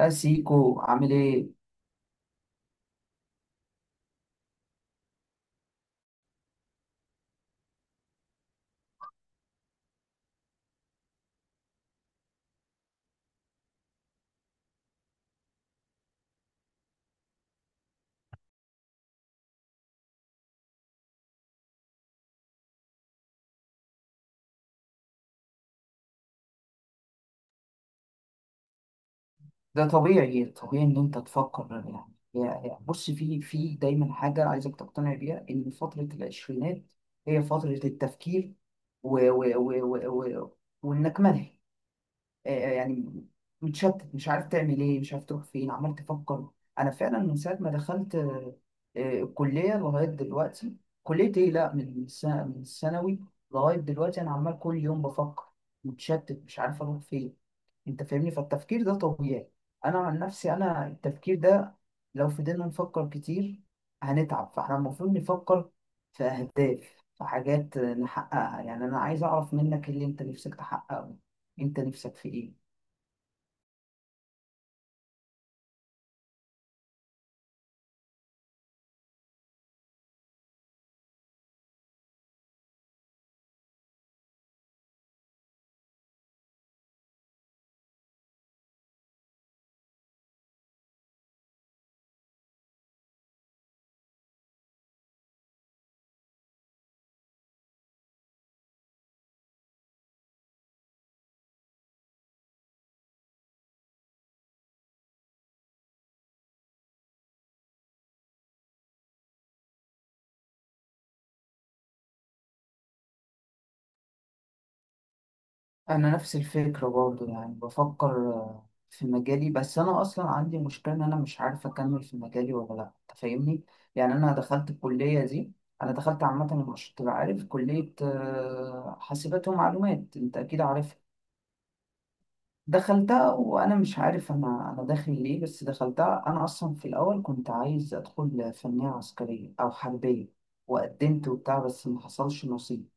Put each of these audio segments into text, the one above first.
يا سيكو عامل ايه؟ ده طبيعي، طبيعي ان انت تفكر. يعني بص في دايما حاجة عايزك تقتنع بيها ان فترة العشرينات هي فترة التفكير. و و و و و وانك ملهي، يعني متشتت، مش عارف تعمل ايه، مش عارف تروح فين، عمال تفكر. انا فعلا من ساعه ما دخلت الكليه لغايه دلوقتي. كليه ايه؟ لا، من سنة، من الثانوي لغايه دلوقتي انا عمال كل يوم بفكر، متشتت مش عارف اروح فين. انت فاهمني؟ فالتفكير ده طبيعي. انا عن نفسي انا التفكير ده لو فضلنا نفكر كتير هنتعب، فاحنا المفروض نفكر في اهداف، في حاجات نحققها. يعني انا عايز اعرف منك إيه اللي انت نفسك تحققه؟ انت نفسك في ايه؟ انا نفس الفكره برضه، يعني بفكر في مجالي، بس انا اصلا عندي مشكله ان انا مش عارف اكمل في مجالي ولا لا. أنت فاهمني؟ يعني انا دخلت الكليه دي. انا دخلت عامه، مش تبقى عارف كليه حاسبات ومعلومات، انت اكيد عارفها. دخلتها وانا مش عارف انا داخل ليه، بس دخلتها. انا اصلا في الاول كنت عايز ادخل فنيه عسكريه او حربيه، وقدمت وبتاع بس ما حصلش نصيب.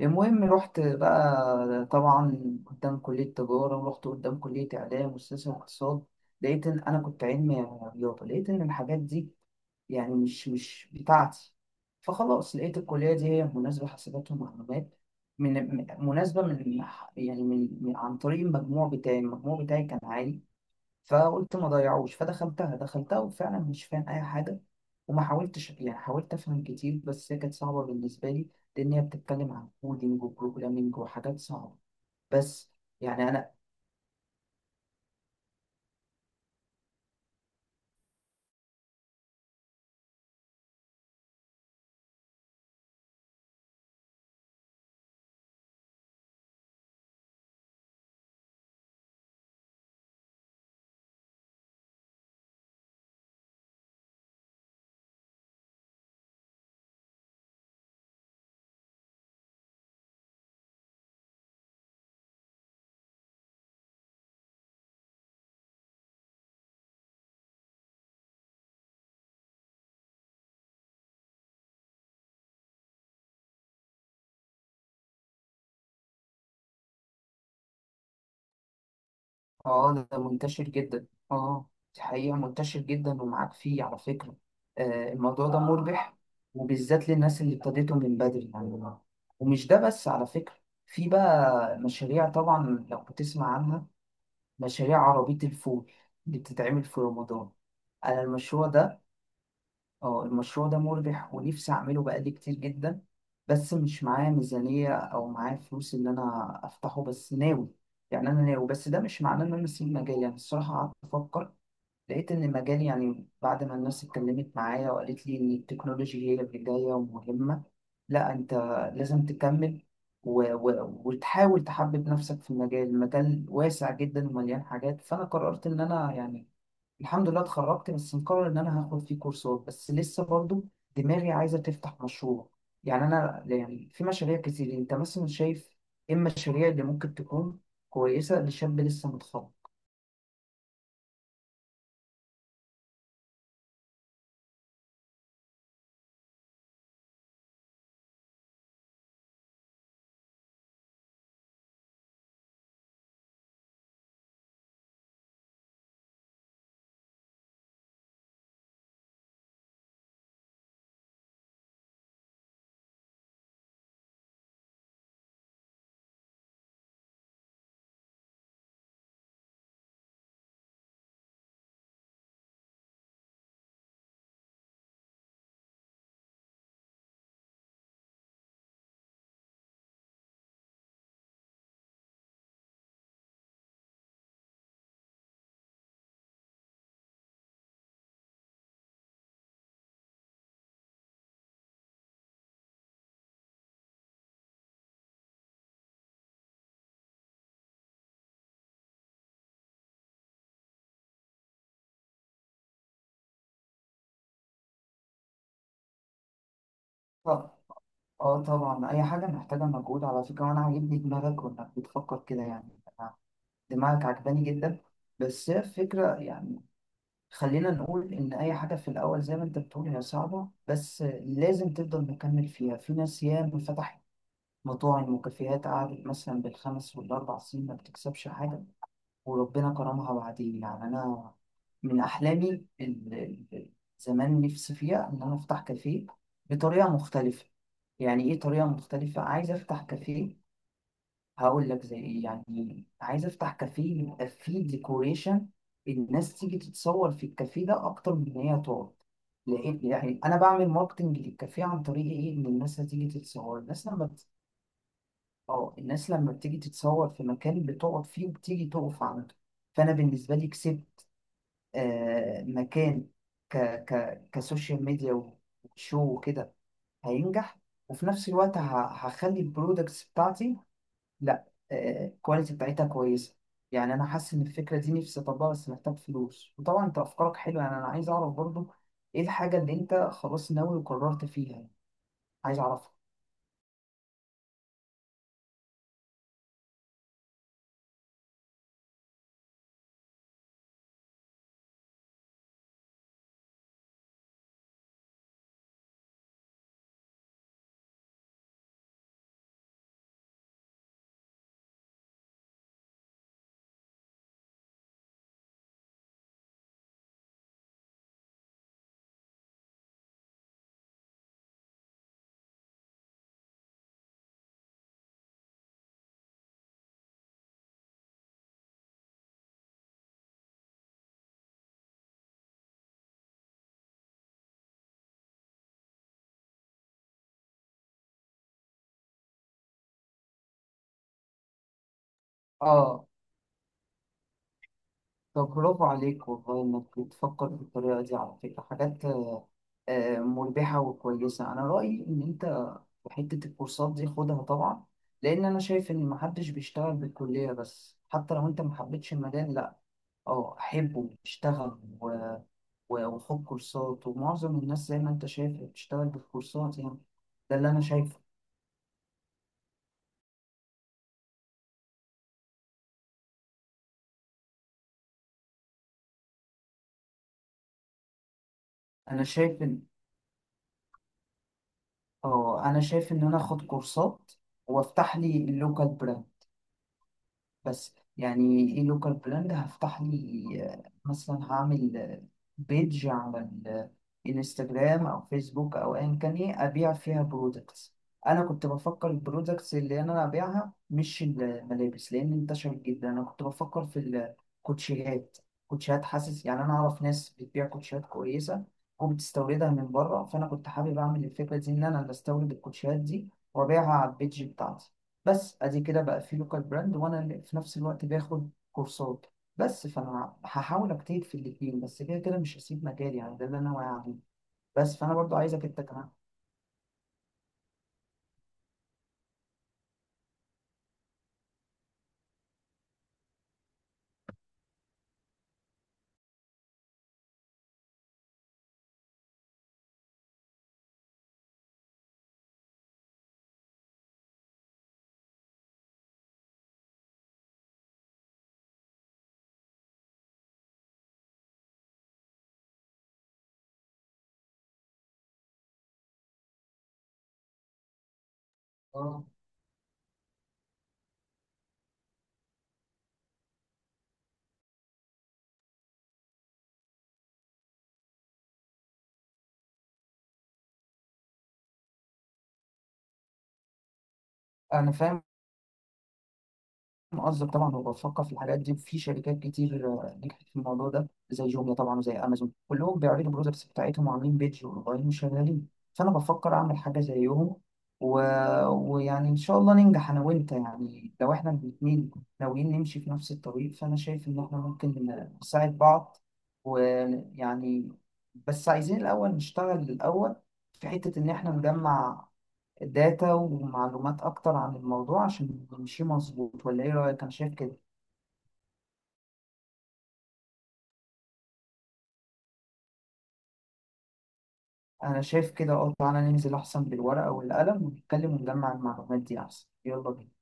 المهم رحت بقى طبعا قدام كلية تجارة، ورحت قدام كلية إعلام وسياسة واقتصاد، لقيت إن أنا كنت علمي رياضة، لقيت إن الحاجات دي يعني مش بتاعتي. فخلاص لقيت الكلية دي هي مناسبة، حاسبات ومعلومات، مناسبة من يعني عن طريق المجموع بتاعي. المجموع بتاعي كان عالي، فقلت ما ضيعوش، فدخلتها. دخلتها وفعلا مش فاهم اي حاجه، وما حاولتش. يعني حاولت افهم كتير بس هي كانت صعبه بالنسبه لي، لان هي بتتكلم عن كودينج وبروجرامينج وحاجات صعبه بس. يعني انا اه، ده منتشر جدا، اه، دي حقيقه منتشر جدا ومعاك فيه على فكره. آه، الموضوع ده مربح، وبالذات للناس اللي ابتديته من بدري يعني. ومش ده بس على فكره، في بقى مشاريع، طبعا لو بتسمع عنها، مشاريع عربية الفول اللي بتتعمل في رمضان. أنا المشروع ده، اه المشروع ده مربح ونفسي أعمله بقالي كتير جدا، بس مش معايا ميزانية أو معايا فلوس إن أنا أفتحه، بس ناوي. يعني أنا ناوي، بس ده مش معناه إن أنا أسيب مجالي. أنا الصراحة قعدت أفكر، لقيت إن المجال يعني، بعد ما الناس اتكلمت معايا وقالت لي إن التكنولوجيا هي اللي جاية ومهمة، لا أنت لازم تكمل، وتحاول تحبب نفسك في المجال. المجال واسع جدا ومليان حاجات، فأنا قررت إن أنا يعني الحمد لله اتخرجت، بس مقرر إن أنا هاخد فيه كورسات، بس لسه برضو دماغي عايزة تفتح مشروع. يعني أنا يعني في مشاريع كتير، أنت مثلا شايف إيه المشاريع اللي ممكن تكون كويسة لشاب لسه متخرج؟ اه طبعا، اي حاجه محتاجه مجهود على فكره، وانا عاجبني دماغك وانك بتفكر كده. يعني أنا دماغك عجباني جدا. بس هي الفكره يعني خلينا نقول ان اي حاجه في الاول زي ما انت بتقول هي صعبه، بس لازم تفضل مكمل فيها. في ناس ياما فتحت مطاعم وكافيهات قعدت مثلا بالخمس والاربع سنين ما بتكسبش حاجه، وربنا كرمها بعدين. يعني أنا من أحلامي ال- زمان نفسي فيها إن أنا أفتح كافيه بطريقة مختلفة. يعني إيه طريقة مختلفة؟ عايز أفتح كافيه، هقول لك زي إيه. يعني عايز أفتح كافيه يبقى فيه ديكوريشن، الناس تيجي تتصور في الكافيه ده أكتر من إن هي تقعد، لأن يعني أنا بعمل ماركتنج للكافيه عن طريق إيه؟ إن الناس هتيجي تتصور. الناس لما آه الناس لما بتيجي تتصور في مكان بتقعد فيه وبتيجي تقف عنده، فأنا بالنسبة لي كسبت مكان ك ك كسوشيال ميديا وشو وكده، هينجح. وفي نفس الوقت هخلي البرودكتس بتاعتي، لا، الكواليتي بتاعتها كويسة. يعني أنا حاسس إن الفكرة دي نفسي أطبقها بس محتاج فلوس. وطبعا أنت أفكارك حلوة، يعني أنا عايز أعرف برضو إيه الحاجة اللي أنت خلاص ناوي وقررت فيها، عايز أعرفها. آه طب برافو عليك والله، إنك بتفكر بالطريقة دي، على فكرة حاجات مربحة وكويسة. أنا رأيي إن أنت وحتة الكورسات دي خدها طبعا، لأن أنا شايف إن محدش بيشتغل بالكلية، بس حتى لو أنت محبتش المجال، لأ أه حبه، اشتغل وخد كورسات. ومعظم الناس زي ما أنت شايف بتشتغل بالكورسات يعني، ده اللي أنا شايفه. أنا شايف إن أه، أنا شايف إن أنا أخد كورسات وأفتح لي اللوكال براند. بس يعني ايه لوكال براند هفتح لي؟ مثلا هعمل بيج على الانستجرام او فيسبوك او ايا كان، ايه، ابيع فيها برودكتس. انا كنت بفكر البرودكتس اللي انا ابيعها مش الملابس لان انتشرت جدا، انا كنت بفكر في الكوتشيهات. كوتشيهات حاسس يعني، انا اعرف ناس بتبيع كوتشيهات كويسه وبتستوردها من بره، فانا كنت حابب اعمل الفكره دي ان انا بستورد الكوتشيهات دي وابيعها على البيج بتاعتي. بس ادي كده بقى في لوكال براند وانا اللي في نفس الوقت باخد كورسات، بس فانا هحاول اجتهد في الاثنين. بس كده كده مش هسيب مجالي، يعني ده اللي انا واعي عليه. بس فانا برضو عايزك انت كمان. اه انا فاهم قصدك طبعا، وبفكر في الحاجات دي. في شركات كتير نجحت في الموضوع ده، زي جوميا طبعا وزي امازون، كلهم بيعرضوا البرودكتس بتاعتهم وعاملين بيدج وموبايلهم شغالين، فانا بفكر اعمل حاجه زيهم. و... ويعني ان شاء الله ننجح انا وانت. يعني لو احنا الاثنين ناويين نمشي في نفس الطريق، فانا شايف ان احنا ممكن نساعد بعض، ويعني بس عايزين الاول نشتغل الاول في حته ان احنا نجمع داتا ومعلومات أكتر عن الموضوع عشان نمشي مظبوط. ولا إيه رأيك؟ أنا شايف كده. أنا شايف كده، أه تعالى ننزل أحسن بالورقة والقلم، ونتكلم ونجمع المعلومات دي أحسن، يلا بينا.